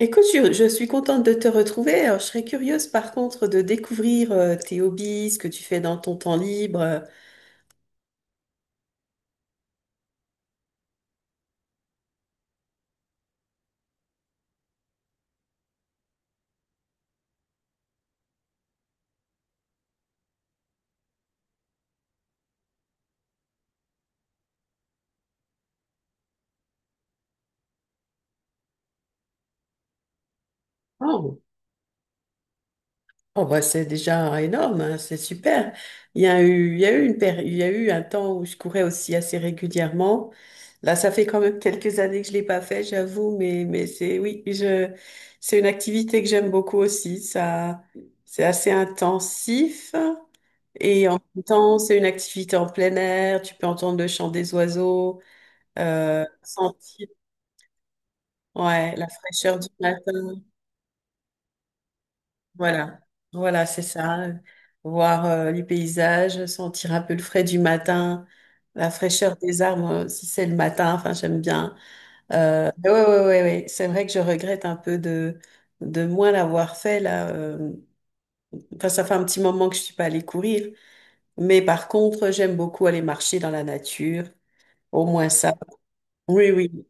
Écoute, je suis contente de te retrouver. Alors, je serais curieuse par contre de découvrir tes hobbies, ce que tu fais dans ton temps libre. Oh, oh, bah, c'est déjà énorme, hein, c'est super. Il y a eu, il y a eu une péri- Il y a eu un temps où je courais aussi assez régulièrement. Là, ça fait quand même quelques années que je l'ai pas fait, j'avoue, mais c'est, oui, je, c'est une activité que j'aime beaucoup aussi. Ça, c'est assez intensif et en même temps, c'est une activité en plein air. Tu peux entendre le chant des oiseaux. Sentir ouais, la fraîcheur du matin. Voilà, voilà, c'est ça. Voir les paysages, sentir un peu le frais du matin, la fraîcheur des arbres, si c'est le matin, enfin, j'aime bien. Mais ouais, ouais, ouais, ouais. C'est vrai que je regrette un peu de moins l'avoir fait, là. Enfin, ça fait un petit moment que je suis pas allée courir. Mais par contre, j'aime beaucoup aller marcher dans la nature. Au moins ça. Oui, oui.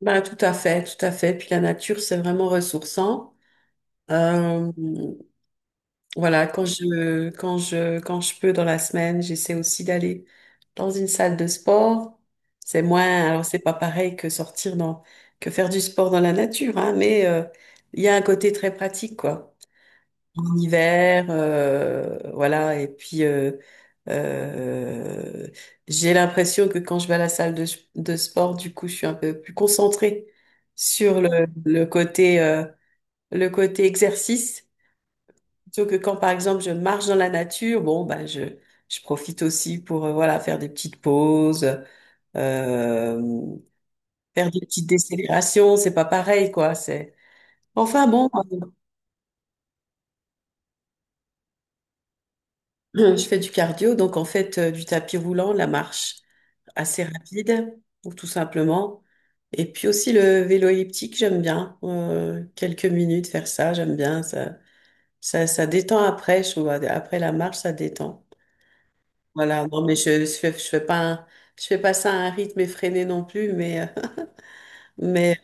Ben, tout à fait, tout à fait. Puis la nature, c'est vraiment ressourçant. Euh, voilà, quand je peux dans la semaine, j'essaie aussi d'aller dans une salle de sport. C'est moins, alors c'est pas pareil que sortir dans, que faire du sport dans la nature, hein, mais il y a un côté très pratique, quoi. En hiver, voilà, et puis euh, j'ai l'impression que quand je vais à la salle de sport, du coup, je suis un peu plus concentrée sur le côté exercice. Plutôt que quand, par exemple, je marche dans la nature, bon, ben, je profite aussi pour, voilà, faire des petites pauses, euh, faire des petites décélérations, c'est pas pareil, quoi, c'est... Enfin, bon, je fais du cardio, donc en fait, du tapis roulant, la marche assez rapide, ou tout simplement. Et puis aussi le vélo elliptique, j'aime bien. Quelques minutes faire ça, j'aime bien. Ça, ça détend après, je trouve. Après la marche, ça détend. Voilà, non, mais je fais pas un- je fais pas ça à un rythme effréné non plus, mais, mais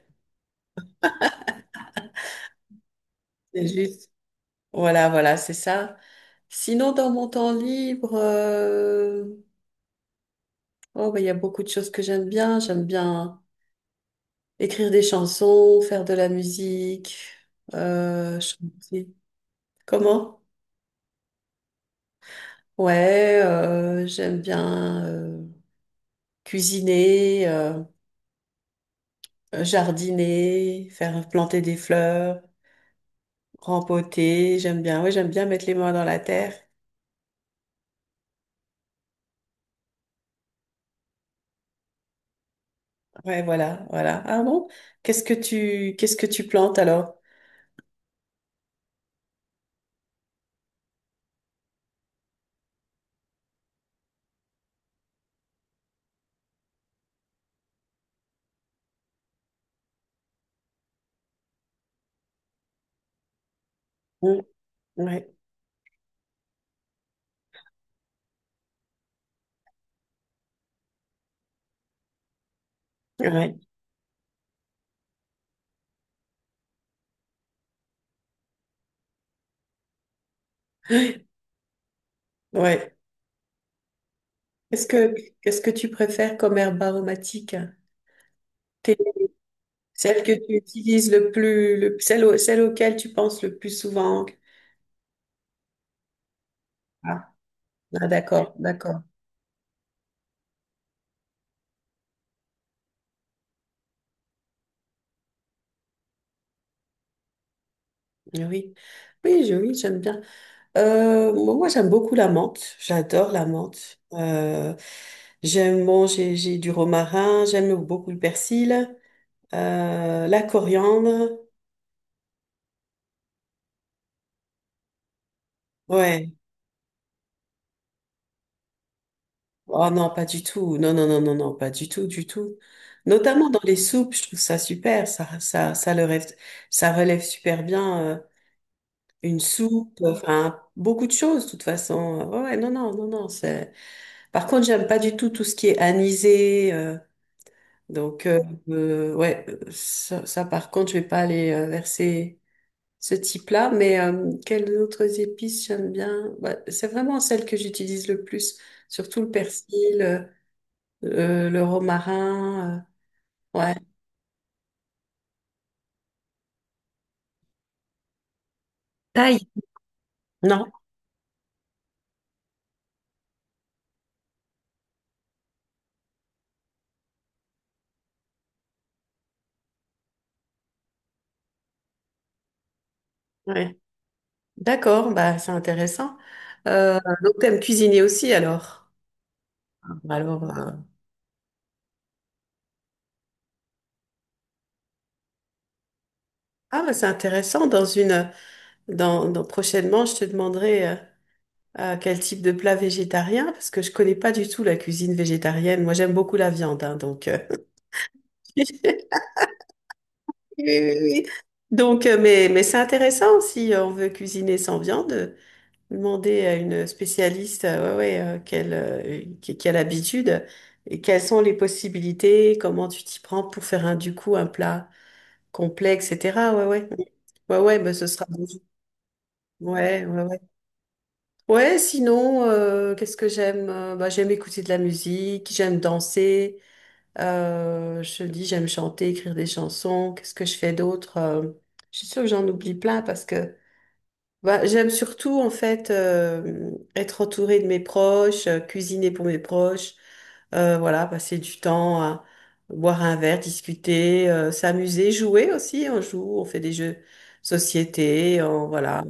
c'est juste, voilà, voilà, c'est ça. Sinon, dans mon temps libre, oh, bah, il y a beaucoup de choses que j'aime bien. J'aime bien écrire des chansons, faire de la musique, chanter. Comment? Ouais, j'aime bien cuisiner, jardiner, faire planter des fleurs. Rempoter, j'aime bien. Oui, j'aime bien mettre les mains dans la terre. Ouais, voilà, voilà. Ah bon? Qu'est-ce que tu plantes alors? Mm. Ouais, ouais, ouais. Qu'est-ce que, qu'est-ce que tu préfères comme herbe aromatique? T'es- Celle que tu utilises le plus, le, celle auquel tu penses le plus souvent. Ah, ah, d'accord, d'accord. Oui, oui, oui, j'aime bien. Moi, moi, j'aime beaucoup la menthe. J'adore la menthe. J'aime manger, j'ai du romarin. J'aime beaucoup le persil, la coriandre. Ouais. Oh non, pas du tout. Non, non, non, non, non, pas du tout, du tout. Notamment dans les soupes, je trouve ça super. Ça, ça relève super bien une soupe. Enfin, beaucoup de choses, de toute façon. Ouais, ouais, non, non, non, non. C'est. Par contre, j'aime pas du tout tout ce qui est anisé. Donc, ouais, ça, ça, par contre, je vais pas aller vers ce type-là, mais quelles autres épices j'aime bien? Bah, c'est vraiment celles que j'utilise le plus, surtout le persil, le romarin, ouais. Taille. Non? Ouais. D'accord, bah, c'est intéressant. Euh, donc, t'aimes cuisiner aussi, alors? Alors, ah, bah, c'est intéressant. Dans une, prochainement, je te demanderai. Quel type de plat végétarien? Parce que je connais pas du tout la cuisine végétarienne. Moi, j'aime beaucoup la viande, hein, donc. Oui, oui, oui. Donc, mais c'est intéressant si on veut cuisiner sans viande, demander à une spécialiste, ouais, ouais, qui a l'habitude et quelles sont les possibilités, comment tu t'y prends pour faire un, du coup, un plat complet, etc. Ouais, ouais, ouais, ouais, mais ce sera bon. Ouais, ouais, ouais. Ouais, sinon, qu'est-ce que j'aime? Bah, j'aime écouter de la musique, j'aime danser, je te dis, j'aime chanter, écrire des chansons. Qu'est-ce que je fais d'autre? Je suis sûre que j'en oublie plein parce que bah, j'aime surtout, en fait, être entourée de mes proches, cuisiner pour mes proches, voilà, passer du temps à boire un verre, discuter, s'amuser, jouer aussi. On joue, on fait des jeux de société, on, voilà.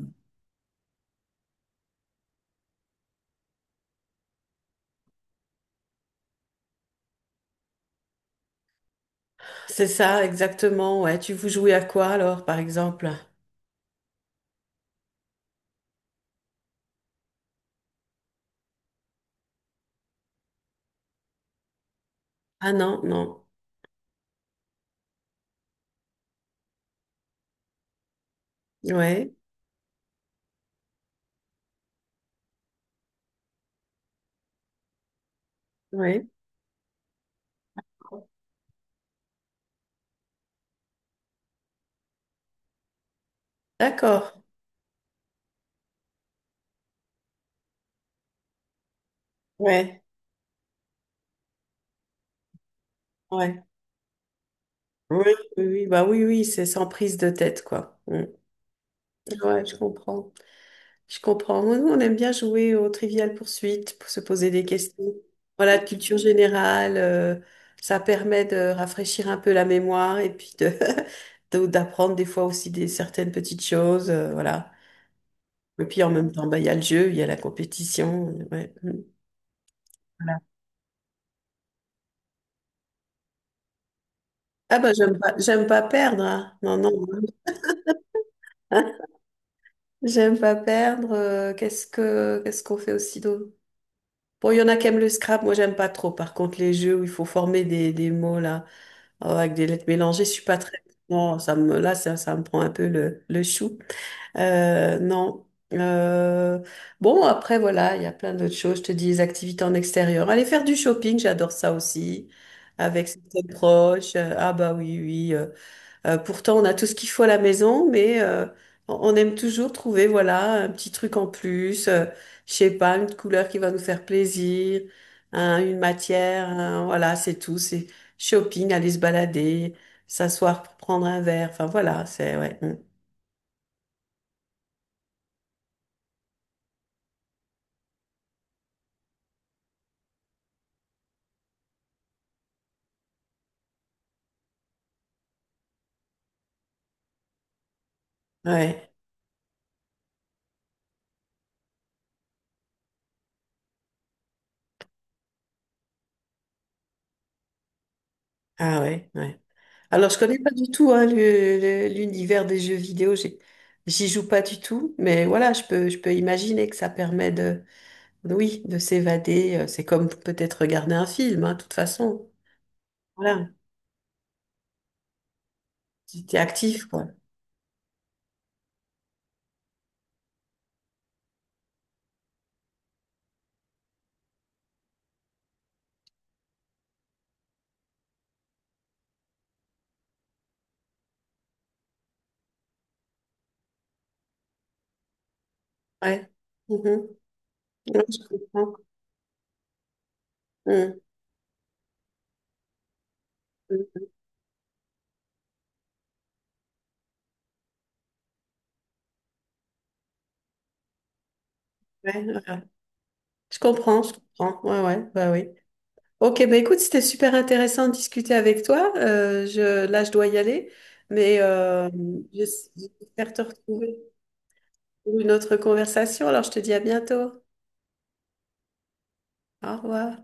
C'est ça, exactement. Ouais. Tu vous jouez à quoi alors, par exemple? Ah non, non. Ouais, ouais. D'accord. Ouais, ouais. Oui, oui, oui, bah oui, oui, c'est sans prise de tête, quoi. Mm. Ouais, je comprends. Je comprends. Nous, on aime bien jouer au Trivial poursuite pour se poser des questions. Voilà, de culture générale, ça permet de rafraîchir un peu la mémoire et puis de, d'apprendre des fois aussi des certaines petites choses. Voilà. Et puis en même temps, bah, il y a le jeu, il y a la compétition. Ouais. Mm. Voilà. Ah bah j'aime pas perdre, hein. Non, non. Hein, j'aime pas perdre. Qu'est-ce que, qu'est-ce qu'on fait aussi d'autre? Bon, il y en a qui aiment le scrap, moi j'aime pas trop. Par contre, les jeux où il faut former des mots là, avec des lettres mélangées, je suis pas très. Non, ça me, là, ça me prend un peu le chou. Non. Euh, bon, après, voilà, il y a plein d'autres choses. Je te dis, les activités en extérieur. Aller faire du shopping, j'adore ça aussi. Avec ses proches. Ah bah oui, oui. Pourtant, on a tout ce qu'il faut à la maison, mais on aime toujours trouver, voilà, un petit truc en plus. Je sais pas, une couleur qui va nous faire plaisir, hein, une matière. Hein, voilà, c'est tout. C'est shopping, aller se balader, s'asseoir pour prendre un verre. Enfin, voilà, c'est... Ouais. Mm. Ouais. Ah ouais, ouais. Alors, je connais pas du tout hein, l'univers des jeux vidéo. J'y joue pas du tout, mais voilà, je peux imaginer que ça permet de, oui, de s'évader. C'est comme peut-être regarder un film, hein, de toute façon. Voilà, tu t'es actif, quoi. Ouais. Mhm. Ouais, je comprends. Mhm. Mhm. Ouais, voilà. Je comprends, je comprends. Ouais, ouais, bah oui. Ok, bah écoute, c'était super intéressant de discuter avec toi. Je, là, je dois y aller, mais je- j'espère te retrouver pour une autre conversation. Alors, je te dis à bientôt. Au revoir.